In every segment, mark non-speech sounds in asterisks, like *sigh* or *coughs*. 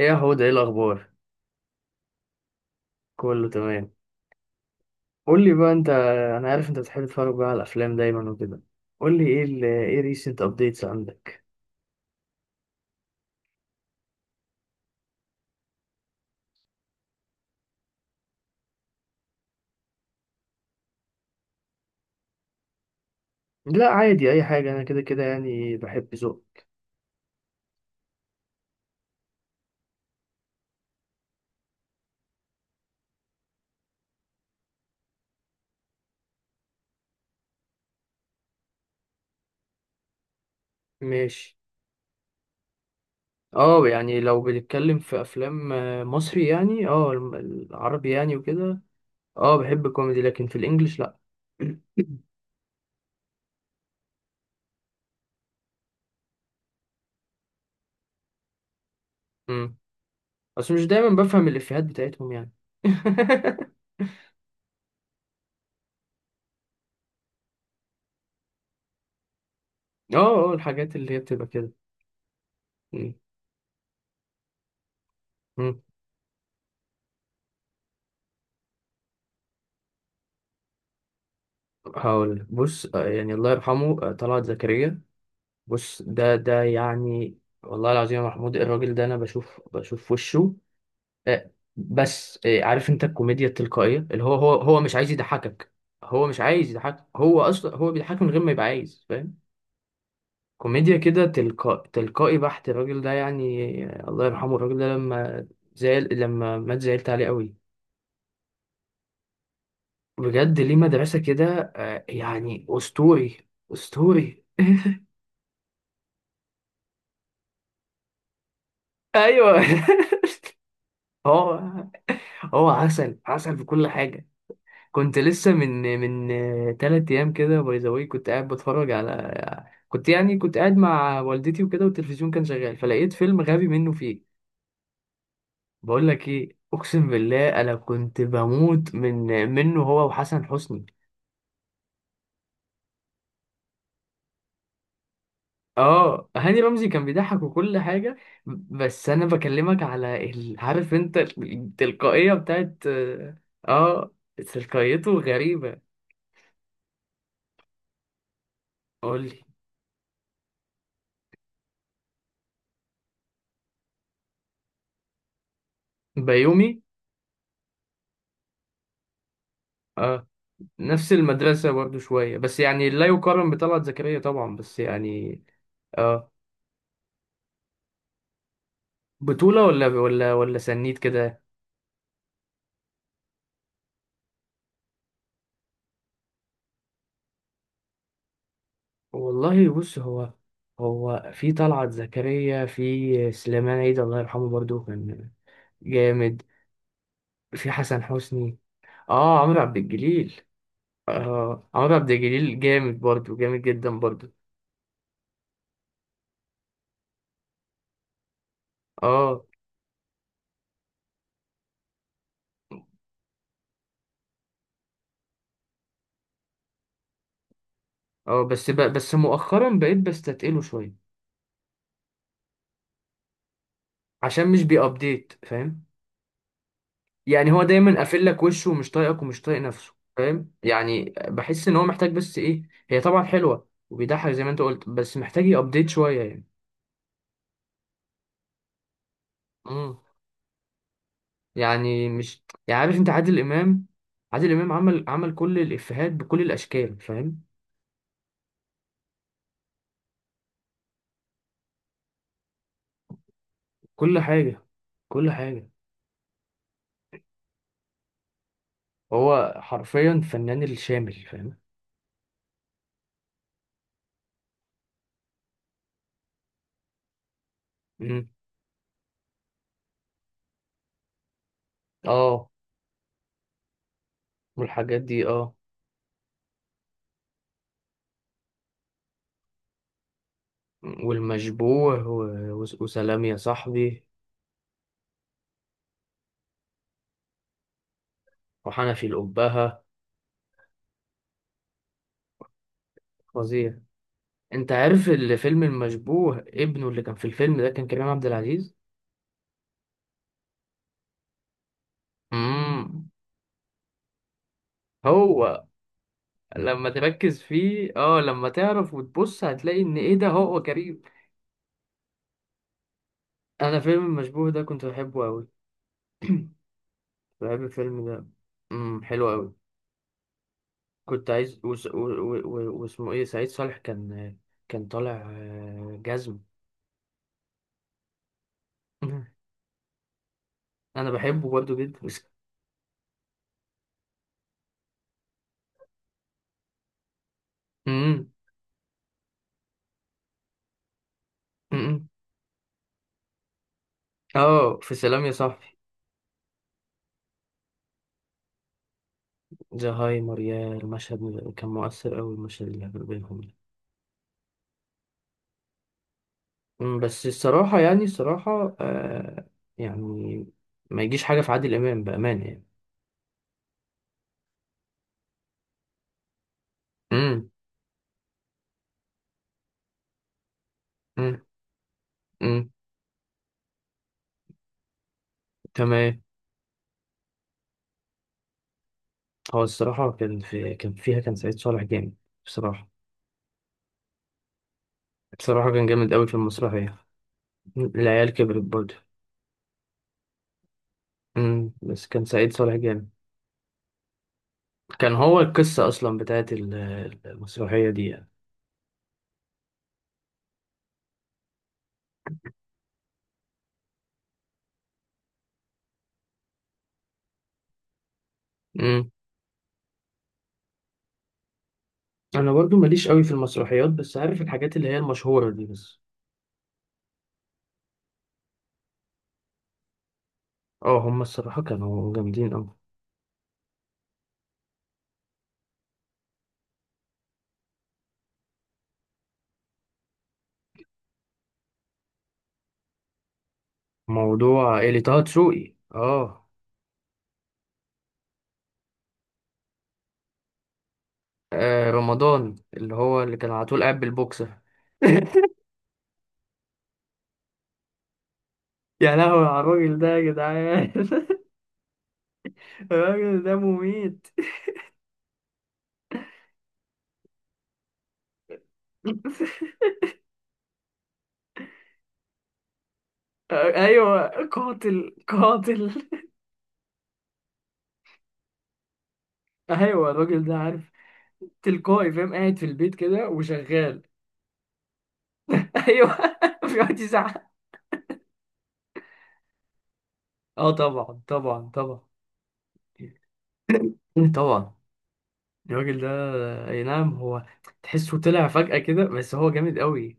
ايه يا حود، ايه الاخبار؟ كله تمام. قول لي بقى انت. انا عارف انت بتحب تتفرج بقى على الافلام دايما وكده. قول لي ايه ال ايه ريسنت ابديتس عندك؟ لا عادي اي حاجه، انا كده كده يعني بحب ذوق. ماشي. اه يعني لو بنتكلم في افلام مصري يعني، اه العربي يعني وكده. اه بحب كوميدي، لكن في الانجليش لا. *coughs* *clears throat* امم. بس مش دايما بفهم الافيهات بتاعتهم يعني. *laughs* اه، اه الحاجات اللي هي بتبقى كده. مم. هقول بص، يعني الله يرحمه، طلعت زكريا. بص ده يعني، والله العظيم يا محمود الراجل ده انا بشوف وشه. بس عارف انت الكوميديا التلقائية اللي هو مش عايز يضحكك. هو مش عايز يضحك، هو اصلا هو بيضحك من غير ما يبقى عايز، فاهم. كوميديا كده تلقائي بحت الراجل ده يعني. الله يرحمه الراجل ده لما زعل، لما مات زعلت عليه قوي، بجد. ليه؟ مدرسة كده، يعني أسطوري. أسطوري. *laughs* ايوه. *laughs* هو هو عسل عسل في كل حاجة. كنت لسه من تلات أيام كده، باي ذا واي. كنت يعني كنت قاعد مع والدتي وكده، والتلفزيون كان شغال، فلقيت فيلم غبي منه فيه. بقول لك إيه، أقسم بالله أنا كنت بموت منه، هو وحسن حسني. اه هاني رمزي كان بيضحك وكل حاجة. بس أنا بكلمك على عارف أنت التلقائية بتاعت. اه تلقائيته غريبة. قول لي. بيومي. آه. نفس المدرسة برضو شوية، بس يعني لا يقارن بطلعت زكريا طبعا، بس يعني. اه، بطولة ولا سنيد كده؟ والله بص هو، هو في طلعت زكريا، في سليمان عيد الله يرحمه برضو كان جامد. في حسن حسني. اه عمرو عبد الجليل. اه عمرو عبد الجليل جامد برضو، جامد جدا برضو. اه، اه بس بس مؤخرا بقيت بستتقله شوية. عشان مش بيأبديت فاهم. يعني هو دايما قافل لك وشه ومش طايقك ومش طايق نفسه، فاهم. يعني بحس ان هو محتاج بس ايه. هي طبعا حلوه وبيضحك زي ما انت قلت، بس محتاج يابديت شويه يعني. امم. يعني مش يعني، عارف انت عادل امام. عادل امام عمل كل الافيهات بكل الاشكال، فاهم. كل حاجه، كل حاجه. هو حرفيا فنان الشامل، فاهم. امم. اه والحاجات دي اه. والمشبوه وسلام يا صاحبي، وحنفي الأبهة. فظيع. انت عارف الفيلم المشبوه ابنه اللي كان في الفيلم ده كان كريم عبد العزيز. امم. هو لما تركز فيه، اه لما تعرف وتبص هتلاقي ان ايه، ده هو كريم. انا فيلم المشبوه ده كنت بحبه قوي. بحب الفيلم ده. امم، حلو قوي. كنت عايز وس... و... و... و... واسمه ايه، سعيد صالح كان، كان طالع جزم. *laughs* انا بحبه برضه جدا. امم، امم. اه في سلام يا صاحبي، زهايمر. يا المشهد كان مؤثر أوي، المشهد اللي كان بينهم ده. أمم، بس الصراحة يعني الصراحة يعني. ما يجيش حاجة في عادل إمام بأمانة يعني. امم، امم، امم. تمام. هو الصراحة، كان فيها كان سعيد صالح جامد، بصراحة. بصراحة كان جامد أوي في المسرحية. أمم، العيال كبرت برضه. امم، بس كان سعيد صالح جامد. كان هو القصة أصلا بتاعت المسرحية دي يعني. امم. أنا برضو ماليش أوي في المسرحيات، بس عارف الحاجات اللي هي المشهورة دي بس. اه هم الصراحة كانوا جامدين أوي. موضوع اللي طه دسوقي اه. رمضان، اللي هو اللي كان على طول قاعد بالبوكسر. *laughs* يا لهوي على الراجل ده يا جدعان. *laughs* الراجل ده مميت. *laughs* ايوه، قاتل قاتل. *laughs* ايوه الراجل ده عارف، تلقائي فاهم، قاعد في البيت كده وشغال. *laughs* ايوه بيقعد يزعق. اه طبعا، طبعا، طبعا. *laughs* طبعا. الراجل ده، اي نعم هو، تحسه طلع فجأة كده بس هو جامد قوي.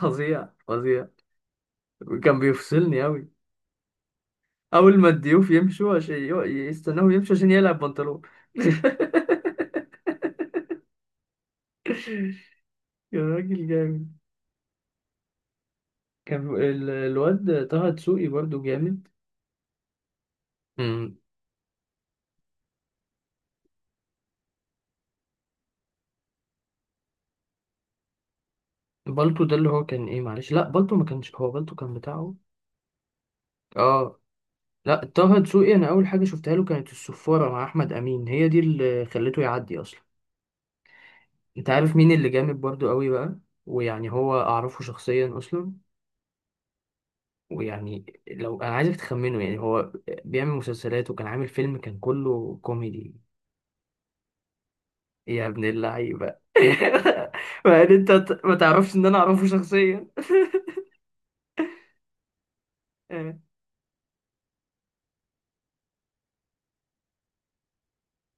فظيع، فظيع. كان بيفصلني أوي. أول ما الضيوف يمشوا عشان يستناه يمشوا عشان يقلع بنطلون. *laughs* يا راجل جامد. كان الواد طه دسوقي برضو جامد. امم. بالتو ده اللي هو كان ايه، معلش، لا بالتو ما كانش هو، بالتو كان بتاعه. اه لا، طه دسوقي انا اول حاجه شفتها له كانت الصفاره مع احمد امين، هي دي اللي خلته يعدي اصلا. انت عارف مين اللي جامد برضو قوي بقى. ويعني هو اعرفه شخصيا اصلا. ويعني لو انا عايزك تخمنه، يعني هو بيعمل مسلسلات وكان عامل فيلم كان كله كوميدي. يا ابن اللعيبة. *laughs* يعني انت ما تعرفش ان انا اعرفه شخصيا. *laughs* آه.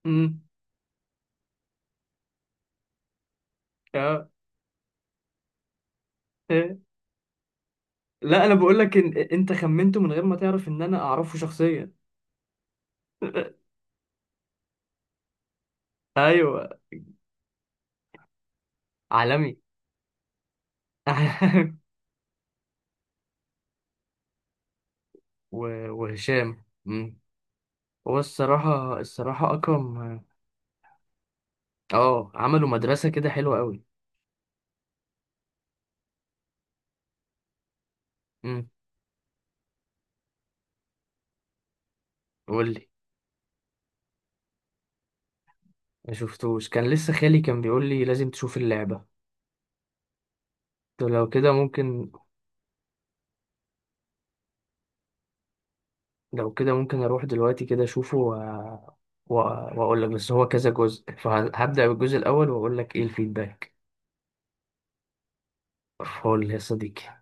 أمم. آه. آه. لا انا بقول لك ان انت خمنته من غير ما تعرف ان انا اعرفه شخصيا. *laughs* ايوه. عالمي. *laughs* وهشام. أمم. هو الصراحة، الصراحة اكرم. اه عملوا مدرسة كده حلوة قوي. أمم. قول لي. ما شفتوش، كان لسه خالي كان بيقول لي لازم تشوف اللعبة. قلت له لو كده ممكن. لو كده ممكن اروح دلوقتي كده اشوفه، واقول لك. بس هو كذا جزء، فهبدأ بالجزء الاول واقول لك ايه الفيدباك. فول يا صديقي.